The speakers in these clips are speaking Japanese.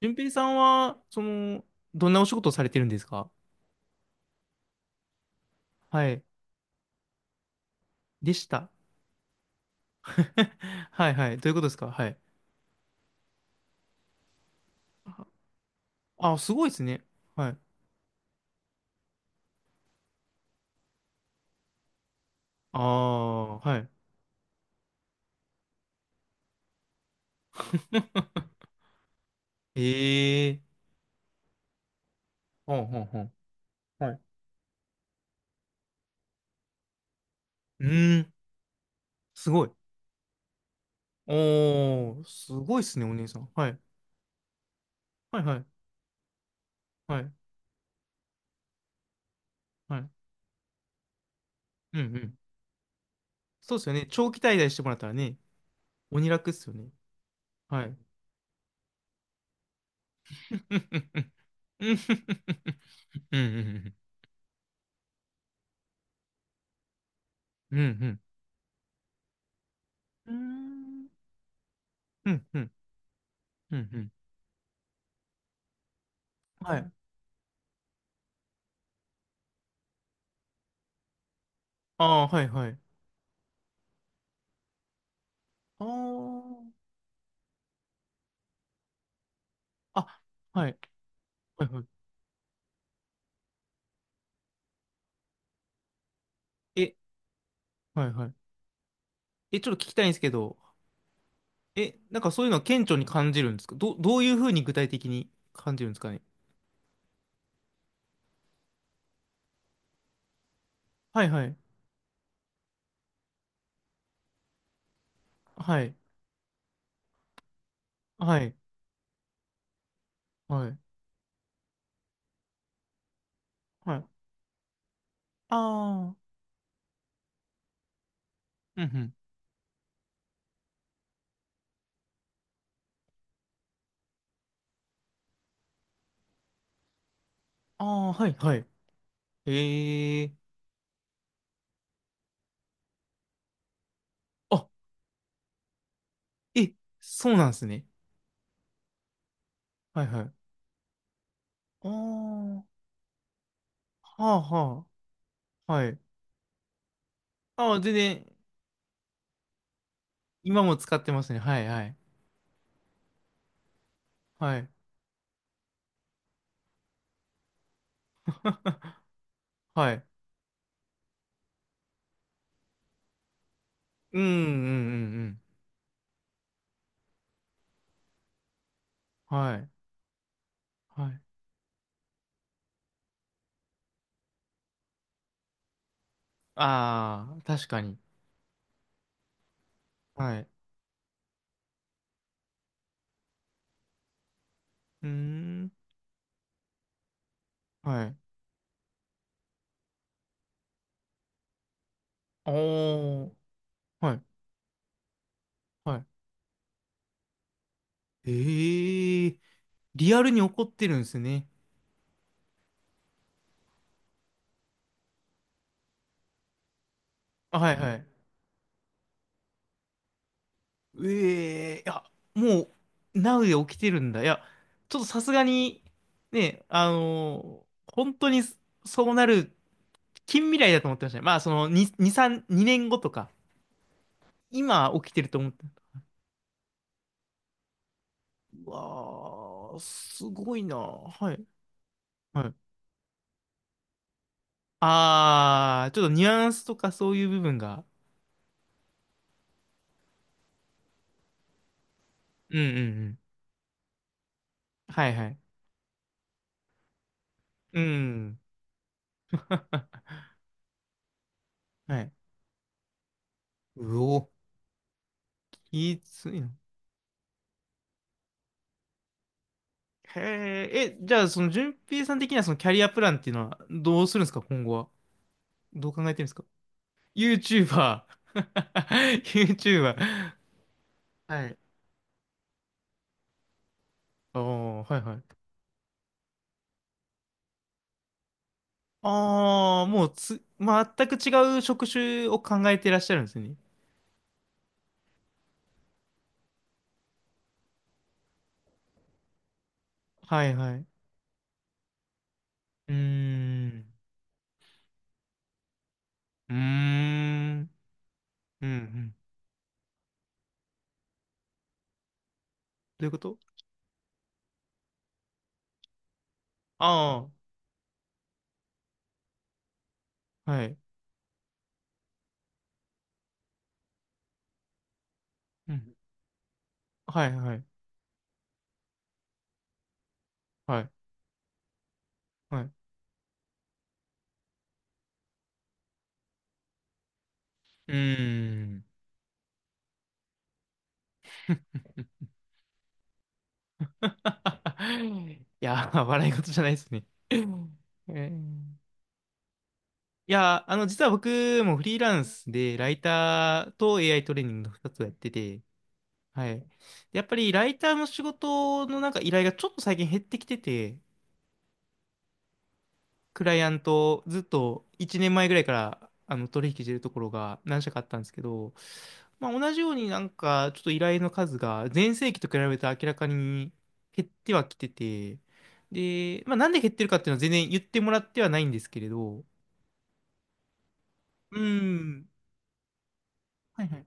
順平さんは、どんなお仕事をされてるんですか？はい。でした。はいはい。どういうことですか？はい。あ、すごいですね。はい。ああ、はい。ええ、ほんほんほん。はい。うん、すごい。おー、すごいっすね、お姉さん。はい。はいはい。はい。はい。うんうん。そうですよね。長期滞在してもらったらね、鬼楽っすよね。はい。ん、うんうんうん。うんうんうん。うんうん。うんうんうんうん。はい。ああ、はいはい。ああ。あ、はい。はいはい。え、はいはい。え、ちょっと聞きたいんですけど、え、なんかそういうのは顕著に感じるんですか？どういうふうに具体的に感じるんですかね？はいはい。はい。はい。はい。はい。ああ。うんうん。ああ、はいはい。ええ、あ、え、そうなんですね。はいはい。ああ。はあはあ。はい。ああ、全然、今も使ってますね。はいはい。はい。はい。うんうんうんうん。はい。はい。ああ、確かに。はい。うーん。はい。おー。はい。はい。ええー。リアルに起こってるんですね。あ、はいはい。ええー。いや、もう、ナウで起きてるんだ。いや、ちょっとさすがに、ね、本当にそうなる近未来だと思ってましたね。まあ、その、2、2、3、2年後とか、今起きてると思って。うわー、すごいな。はい。はい。ああ、ちょっとニュアンスとかそういう部分が。うんうんうん。はいはい。うん。はい。うお。きついな。へえ、え、じゃあその順平さん的にはそのキャリアプランっていうのはどうするんですか、今後は？どう考えてるんですか？ YouTuber。YouTuber。はい。ああ、はいはい。ああ、もう全く違う職種を考えてらっしゃるんですね。はいはい。うーん。うーん。うんうん。どういうこと？ああ、はい。うん。はい、はい、はい、はい。うーん。いやー、笑い事じゃないですね。うん、えーいやー、実は僕もフリーランスで、ライターと AI トレーニングの2つをやってて、はい。で、やっぱりライターの仕事のなんか依頼がちょっと最近減ってきてて、クライアント、ずっと1年前ぐらいから取引してるところが何社かあったんですけど、まあ、同じようになんかちょっと依頼の数が前世紀と比べて明らかに減ってはきてて、で、まあ、なんで減ってるかっていうのは全然言ってもらってはないんですけれど、うん。はいはい。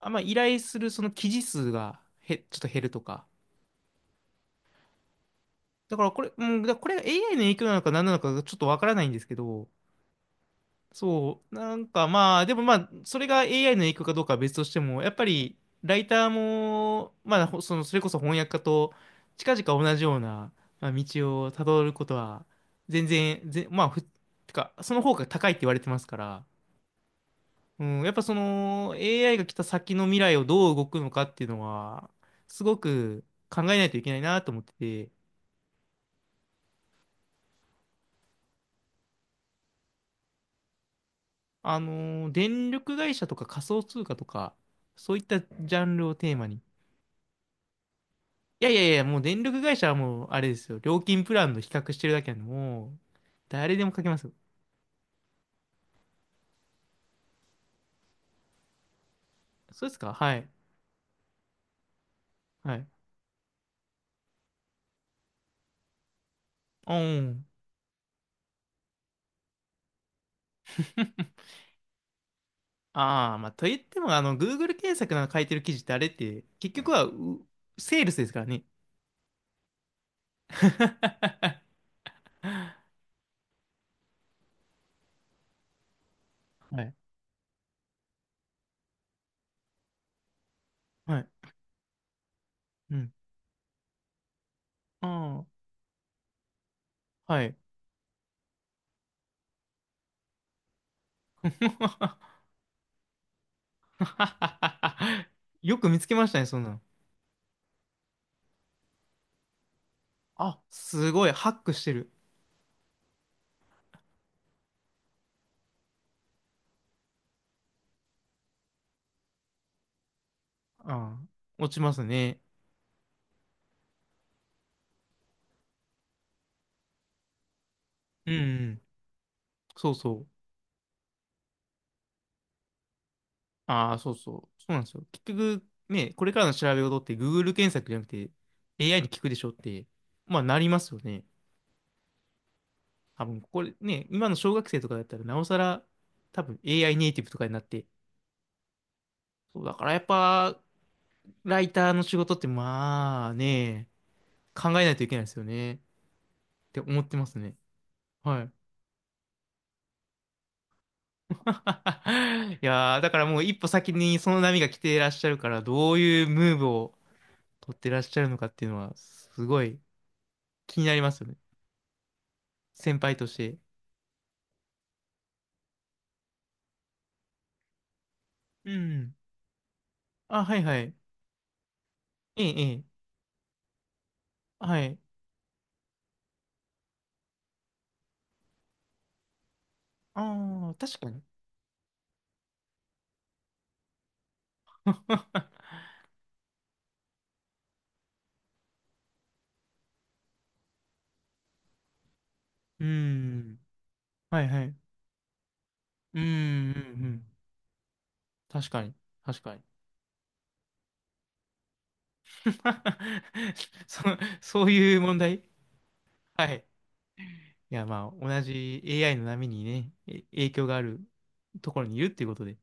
あ、まあ、依頼するその記事数がちょっと減るとか。だからこれ、うん、だからこれが AI の影響なのか何なのかちょっとわからないんですけど、そう、なんかまあ、でもまあ、それが AI の影響かどうかは別としても、やっぱりライターも、まあ、ほその、それこそ翻訳家と近々同じような、まあ、道をたどることは、全然、まあ、てか、その方が高いって言われてますから、うん、やっぱその AI が来た先の未来をどう動くのかっていうのは、すごく考えないといけないなと思ってて、電力会社とか仮想通貨とか、そういったジャンルをテーマに、いやいやいや、もう電力会社はもう、あれですよ。料金プランの比較してるだけなんで、もう、誰でも書けますよ。そうですか？はい。はい。うん。ああ、まあ、と言っても、Google 検索の書いてる記事ってあれって、結局は、セールスですからね。はい。はい。うん。ああ、はい。よく見つけましたね、そんなの。あ、すごい、ハックしてる。ああ、落ちますね。うん、うん。そうそう。ああ、そうそう。そうなんですよ。結局、ね、これからの調べ事って Google 検索じゃなくて AI に聞くでしょって、まあなりますよね。多分、これね、今の小学生とかだったらなおさら多分 AI ネイティブとかになって。そう、だからやっぱ、ライターの仕事ってまあね、考えないといけないですよね。って思ってますね。はい。いやー、だからもう一歩先にその波が来ていらっしゃるから、どういうムーブを取ってらっしゃるのかっていうのは、すごい気になりますよね。先輩として。うん。あ、はいはい。ええ、ええ。はい。ああ、確かに。うん。はいはい。うん、うん、うん。確かに。確かに。そ、そういう問題？はい。いや、まあ、同じ AI の波にね、影響があるところにいるっていうことで。